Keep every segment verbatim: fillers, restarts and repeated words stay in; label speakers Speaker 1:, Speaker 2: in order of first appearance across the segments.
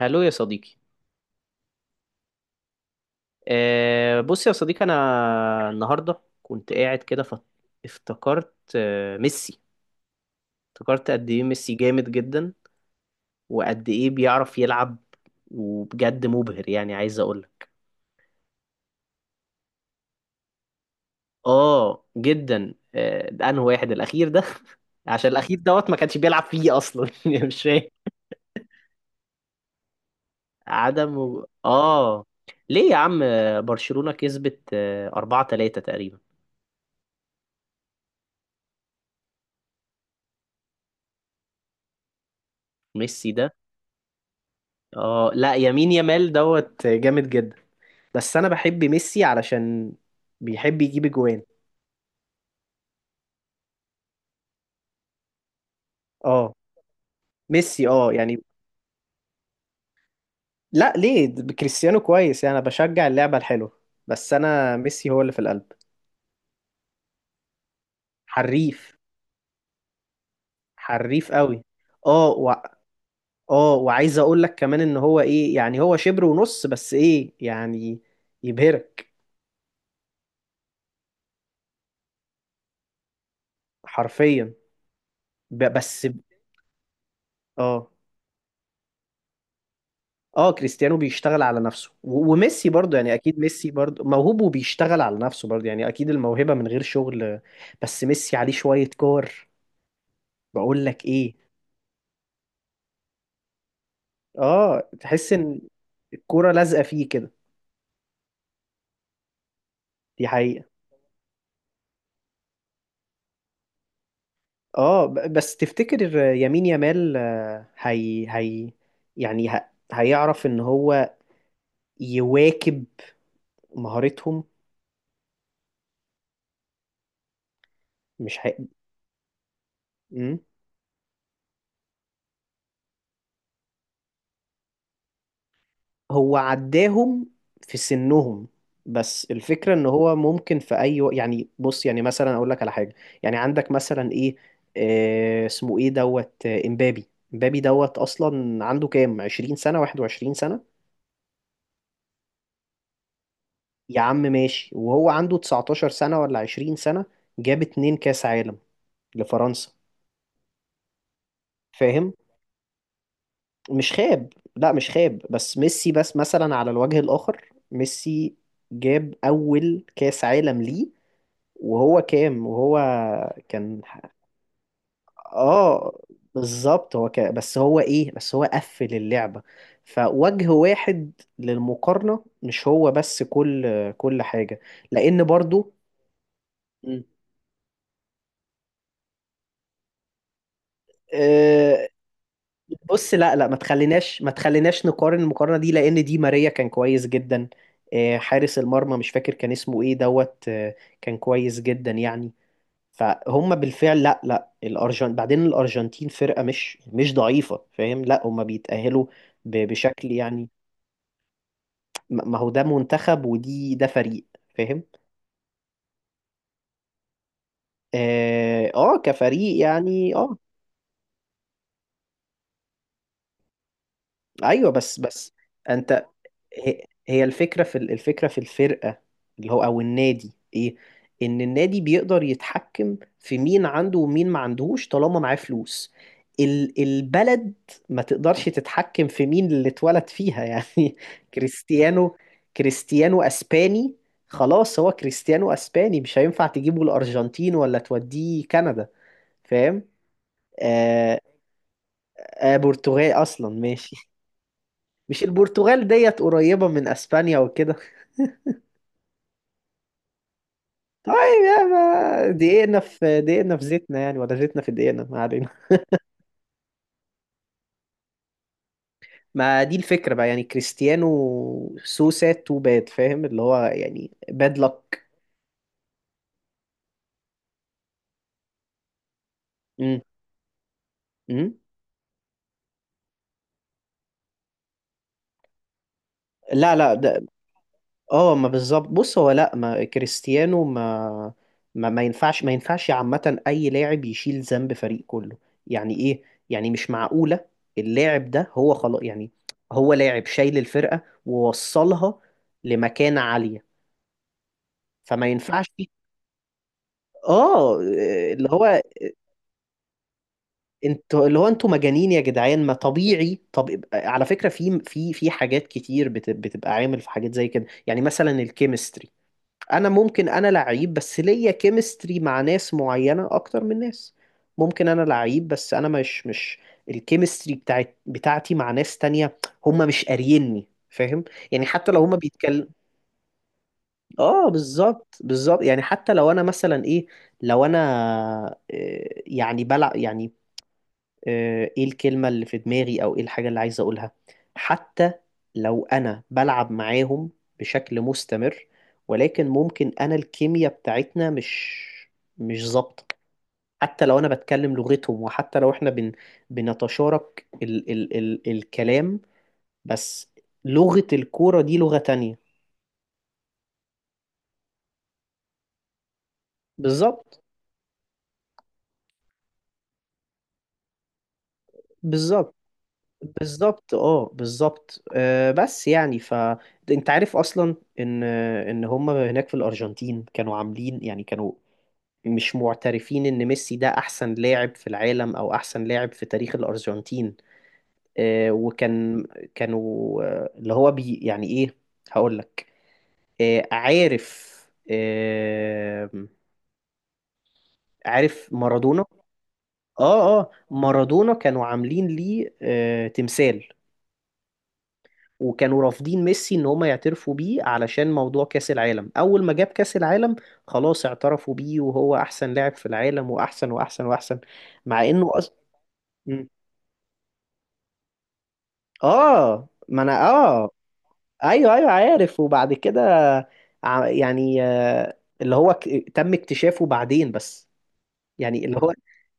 Speaker 1: هلو يا صديقي. أه، بص يا صديقي، انا النهارده كنت قاعد كده فت- افتكرت آه، ميسي. افتكرت قد ايه ميسي جامد جدا، وقد ايه بيعرف يلعب، وبجد مبهر. يعني عايز اقول لك اه جدا. آه، ده انه واحد الاخير ده عشان الاخير دوت ما كانش بيلعب فيه اصلا يعني مش فاهم عدم و... اه. ليه يا عم؟ آه، برشلونة كسبت اربعة تلاتة تقريبا. ميسي ده، اه، لا، يمين يامال دوت جامد جدا. بس انا بحب ميسي علشان بيحب يجيب اجوان. اه، ميسي، اه يعني. لا ليه، ده كريستيانو كويس. يعني انا بشجع اللعبة الحلوة، بس انا ميسي هو اللي في القلب. حريف، حريف قوي. اه و... اه، وعايز اقول لك كمان ان هو ايه، يعني هو شبر ونص بس، ايه يعني، يبهرك، حرفيا. ب... بس ب- اه. اه كريستيانو بيشتغل على نفسه، و- وميسي برضه، يعني اكيد ميسي برضه موهوب وبيشتغل على نفسه برضه، يعني اكيد الموهبة من غير شغل. بس ميسي عليه شوية كور. بقول لك ايه، اه، تحس ان الكورة لازقة فيه كده. دي حقيقة. اه، ب- بس تفتكر يمين يامال، آه، هي هي يعني ه... هيعرف ان هو يواكب مهارتهم؟ مش هي... هو عداهم في سنهم. بس الفكرة ان هو ممكن في اي وقت، يعني بص، يعني مثلا اقول لك على حاجة. يعني عندك مثلا ايه، آه، اسمه ايه دوت آه، امبابي. امبابي دوت اصلا عنده كام؟ عشرين سنة، واحد وعشرين سنة. يا عم ماشي، وهو عنده تسعة عشر سنة ولا عشرين سنة جاب اتنين كاس عالم لفرنسا. فاهم؟ مش خاب، لا مش خاب، بس ميسي، بس مثلا على الوجه الاخر، ميسي جاب اول كاس عالم ليه وهو كام، وهو كان، اه، بالظبط، هو كان، بس هو ايه، بس هو قفل اللعبة فوجه واحد للمقارنة. مش هو بس، كل كل حاجة. لأن برضو، مم. آه، بص، لا لا، ما تخليناش ما تخليناش نقارن المقارنة دي، لأن دي ماريا كان كويس جدا. آه، حارس المرمى مش فاكر كان اسمه ايه، دوت آه، كان كويس جدا يعني. فهم بالفعل. لا لا، الارجنت بعدين الارجنتين فرقه مش مش ضعيفه، فاهم. لا هم بيتاهلوا ب- بشكل يعني، ما ما هو ده منتخب ودي ده فريق، فاهم؟ اه، آه، كفريق يعني، اه. ايوه، بس بس انت. هي هي الفكرة في، الفكرة في الفرقة اللي هو أو النادي، إيه؟ إن النادي بيقدر يتحكم في مين عنده ومين ما عندهوش طالما معاه فلوس. ال- البلد ما تقدرش تتحكم في مين اللي اتولد فيها يعني. كريستيانو كريستيانو أسباني، خلاص، هو كريستيانو أسباني، مش هينفع تجيبه الأرجنتين ولا توديه كندا. فاهم؟ آه. آه، برتغال أصلا، ماشي. مش البرتغال ديت قريبة من أسبانيا وكده؟ طيب، يا ما دقيقنا في دقيقنا في زيتنا، يعني، ولا زيتنا في دقيقنا، ما علينا ما دي الفكرة بقى، يعني كريستيانو، سو ساد تو باد، فاهم، اللي هو يعني باد لك. امم. امم. لا لا، ده، اه، ما بالظبط. بص هو، لا، ما كريستيانو، ما ما ما ينفعش ما ينفعش عامة أي لاعب يشيل ذنب فريق كله. يعني إيه؟ يعني مش معقولة. اللاعب ده هو خلاص يعني، هو لاعب شايل الفرقة ووصلها لمكانة عالية، فما ينفعش. اه، اللي هو انتوا اللي هو انتوا مجانين يا جدعان. ما طبيعي. طب على فكره، في في في حاجات كتير بت- بتبقى عامل في حاجات زي كده، يعني مثلا الكيمستري. انا ممكن انا لعيب، بس ليا كيمستري مع ناس معينه اكتر من ناس. ممكن انا لعيب، بس انا مش مش الكيمستري بتاعت بتاعتي مع ناس تانية هم مش قاريني، فاهم؟ يعني حتى لو هم بيتكلم. اه بالظبط، بالظبط. يعني حتى لو انا مثلا ايه، لو انا، آه، يعني بلعب يعني، آه، ايه الكلمة اللي في دماغي، او ايه الحاجة اللي عايز اقولها، حتى لو انا بلعب معاهم بشكل مستمر، ولكن ممكن انا الكيمياء بتاعتنا مش مش ظابطة. حتى لو انا بتكلم لغتهم، وحتى لو احنا بن... بنتشارك ال... ال... ال... الكلام، بس لغة الكورة دي لغة تانية. بالظبط بالظبط بالظبط اه بالظبط، آه، بس يعني ف انت عارف اصلا ان ان هم هناك في الارجنتين كانوا عاملين، يعني كانوا مش معترفين ان ميسي ده احسن لاعب في العالم او احسن لاعب في تاريخ الارجنتين. آه، وكان، كانوا، آه، اللي هو بي يعني ايه، هقول لك، آه، عارف، آه، عارف مارادونا. اه اه مارادونا كانوا عاملين ليه، آه، تمثال، وكانوا رافضين ميسي ان هم يعترفوا بيه، علشان موضوع كأس العالم. اول ما جاب كأس العالم، خلاص، اعترفوا بيه وهو احسن لاعب في العالم، واحسن واحسن واحسن، مع انه أص... مم. اه، ما انا اه. ايوه ايوه، عارف. وبعد كده ع- يعني، آه، اللي هو ك- تم اكتشافه بعدين بس. يعني اللي هو،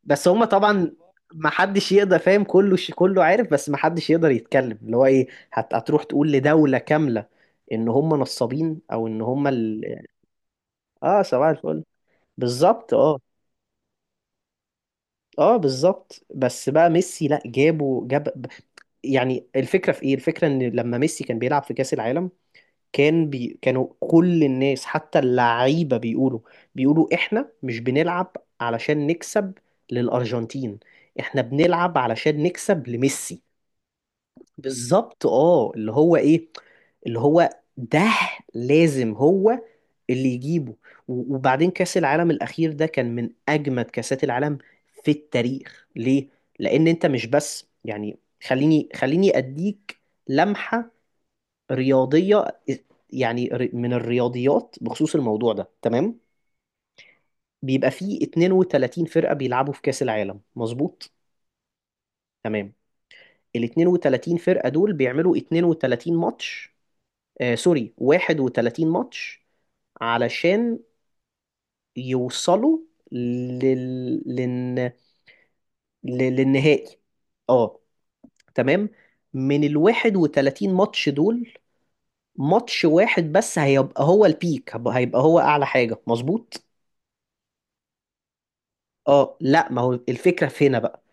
Speaker 1: بس هم طبعا ما حدش يقدر، فاهم. كله ش... كله عارف، بس ما حدش يقدر يتكلم. اللي هو ايه، هت... هتروح تقول لدولة كاملة ان هم نصابين، او ان هم ال... اه. صباح الفل، بالظبط. اه اه بالظبط. بس بقى ميسي، لا، جابه جاب. يعني الفكرة في ايه، الفكرة ان لما ميسي كان بيلعب في كأس العالم، كان بي... كانوا كل الناس، حتى اللعيبة، بيقولوا بيقولوا احنا مش بنلعب علشان نكسب للأرجنتين، احنا بنلعب علشان نكسب لميسي. بالظبط، اه، اللي هو ايه، اللي هو ده لازم هو اللي يجيبه. و- وبعدين كأس العالم الأخير ده كان من أجمد كأسات العالم في التاريخ. ليه؟ لأن أنت مش بس يعني، خليني خليني أديك لمحة رياضية، يعني ر- من الرياضيات بخصوص الموضوع ده. تمام، بيبقى فيه اتنين وتلاتين فرقة بيلعبوا في كأس العالم، مظبوط؟ تمام. ال اتنين وتلاتين فرقة دول بيعملوا اتنين وتلاتين ماتش، آه سوري، واحد وتلاتين ماتش، علشان يوصلوا لل... لل... لل- للنهائي. اه، تمام. من ال واحد وتلاتين ماتش دول، ماتش واحد بس هيبقى هو البيك، هيبقى هو أعلى حاجة، مظبوط؟ اه، لا، ما هو الفكرة في هنا بقى،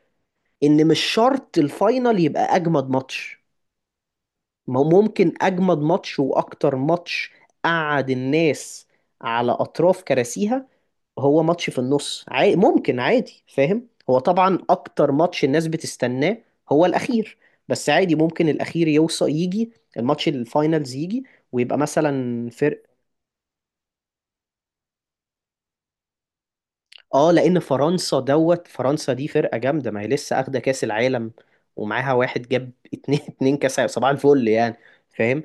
Speaker 1: ان مش شرط الفاينل يبقى اجمد ماتش. ما هو ممكن اجمد ماتش واكتر ماتش قعد الناس على اطراف كراسيها، هو ماتش في النص عادي، ممكن عادي، فاهم؟ هو طبعا اكتر ماتش الناس بتستناه هو الاخير، بس عادي ممكن الاخير يوصل يجي، الماتش الفاينلز يجي، ويبقى مثلا فرقة، اه، لان فرنسا، دوت فرنسا دي فرقه جامده، ما هي لسه اخده كاس العالم، ومعاها واحد جاب اتنين اتنين كاس عالم. صباح الفل، يعني، فاهم.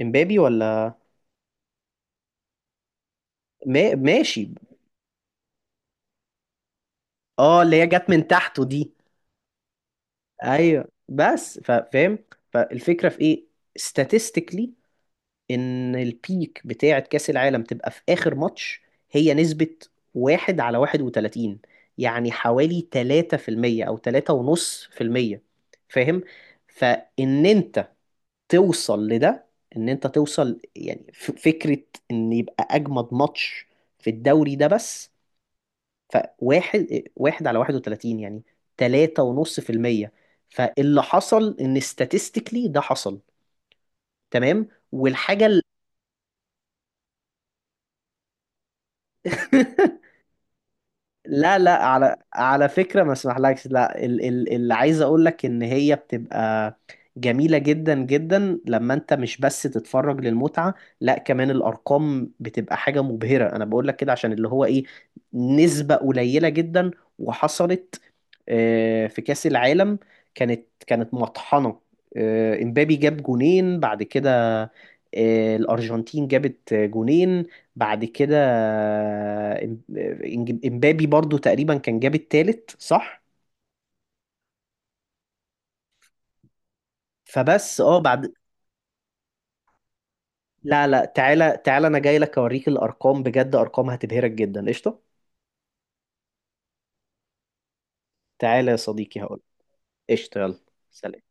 Speaker 1: امبابي ولا، ما ماشي، اه، اللي هي جت من تحته دي. ايوه، بس ف- فاهم، فالفكره في ايه، statistically، ان البيك بتاعه كاس العالم تبقى في اخر ماتش، هي نسبه واحد على واحد وتلاتين، يعني حوالي تلاتة في المية او تلاتة ونص في المية، فاهم. فان انت توصل لده، ان انت توصل يعني ف- فكرة ان يبقى اجمد ماتش في الدوري ده بس، فواحد، واحد على واحد وتلاتين، يعني تلاتة ونص في المية. فاللي حصل ان statistically ده حصل، تمام. والحاجة ال... لا لا، على على فكرة ما اسمحلكش، لا، ال- ال- اللي عايز اقول لك ان هي بتبقى جميلة جدا جدا لما انت مش بس تتفرج للمتعة، لا كمان الارقام بتبقى حاجة مبهرة. انا بقول لك كده عشان اللي هو ايه، نسبة قليلة جدا وحصلت. آه، في كأس العالم كانت كانت مطحنة. آه، امبابي جاب جونين بعد كده، آه، الارجنتين جابت جونين بعد كده، إم- إنج- امبابي برضو تقريبا كان جاب التالت، صح؟ فبس، اه بعد، لا لا، تعالى تعالى انا جاي لك اوريك الارقام، بجد ارقام هتبهرك جدا، قشطه. تعالى يا صديقي، هقول، قشطه، يلا، سلام.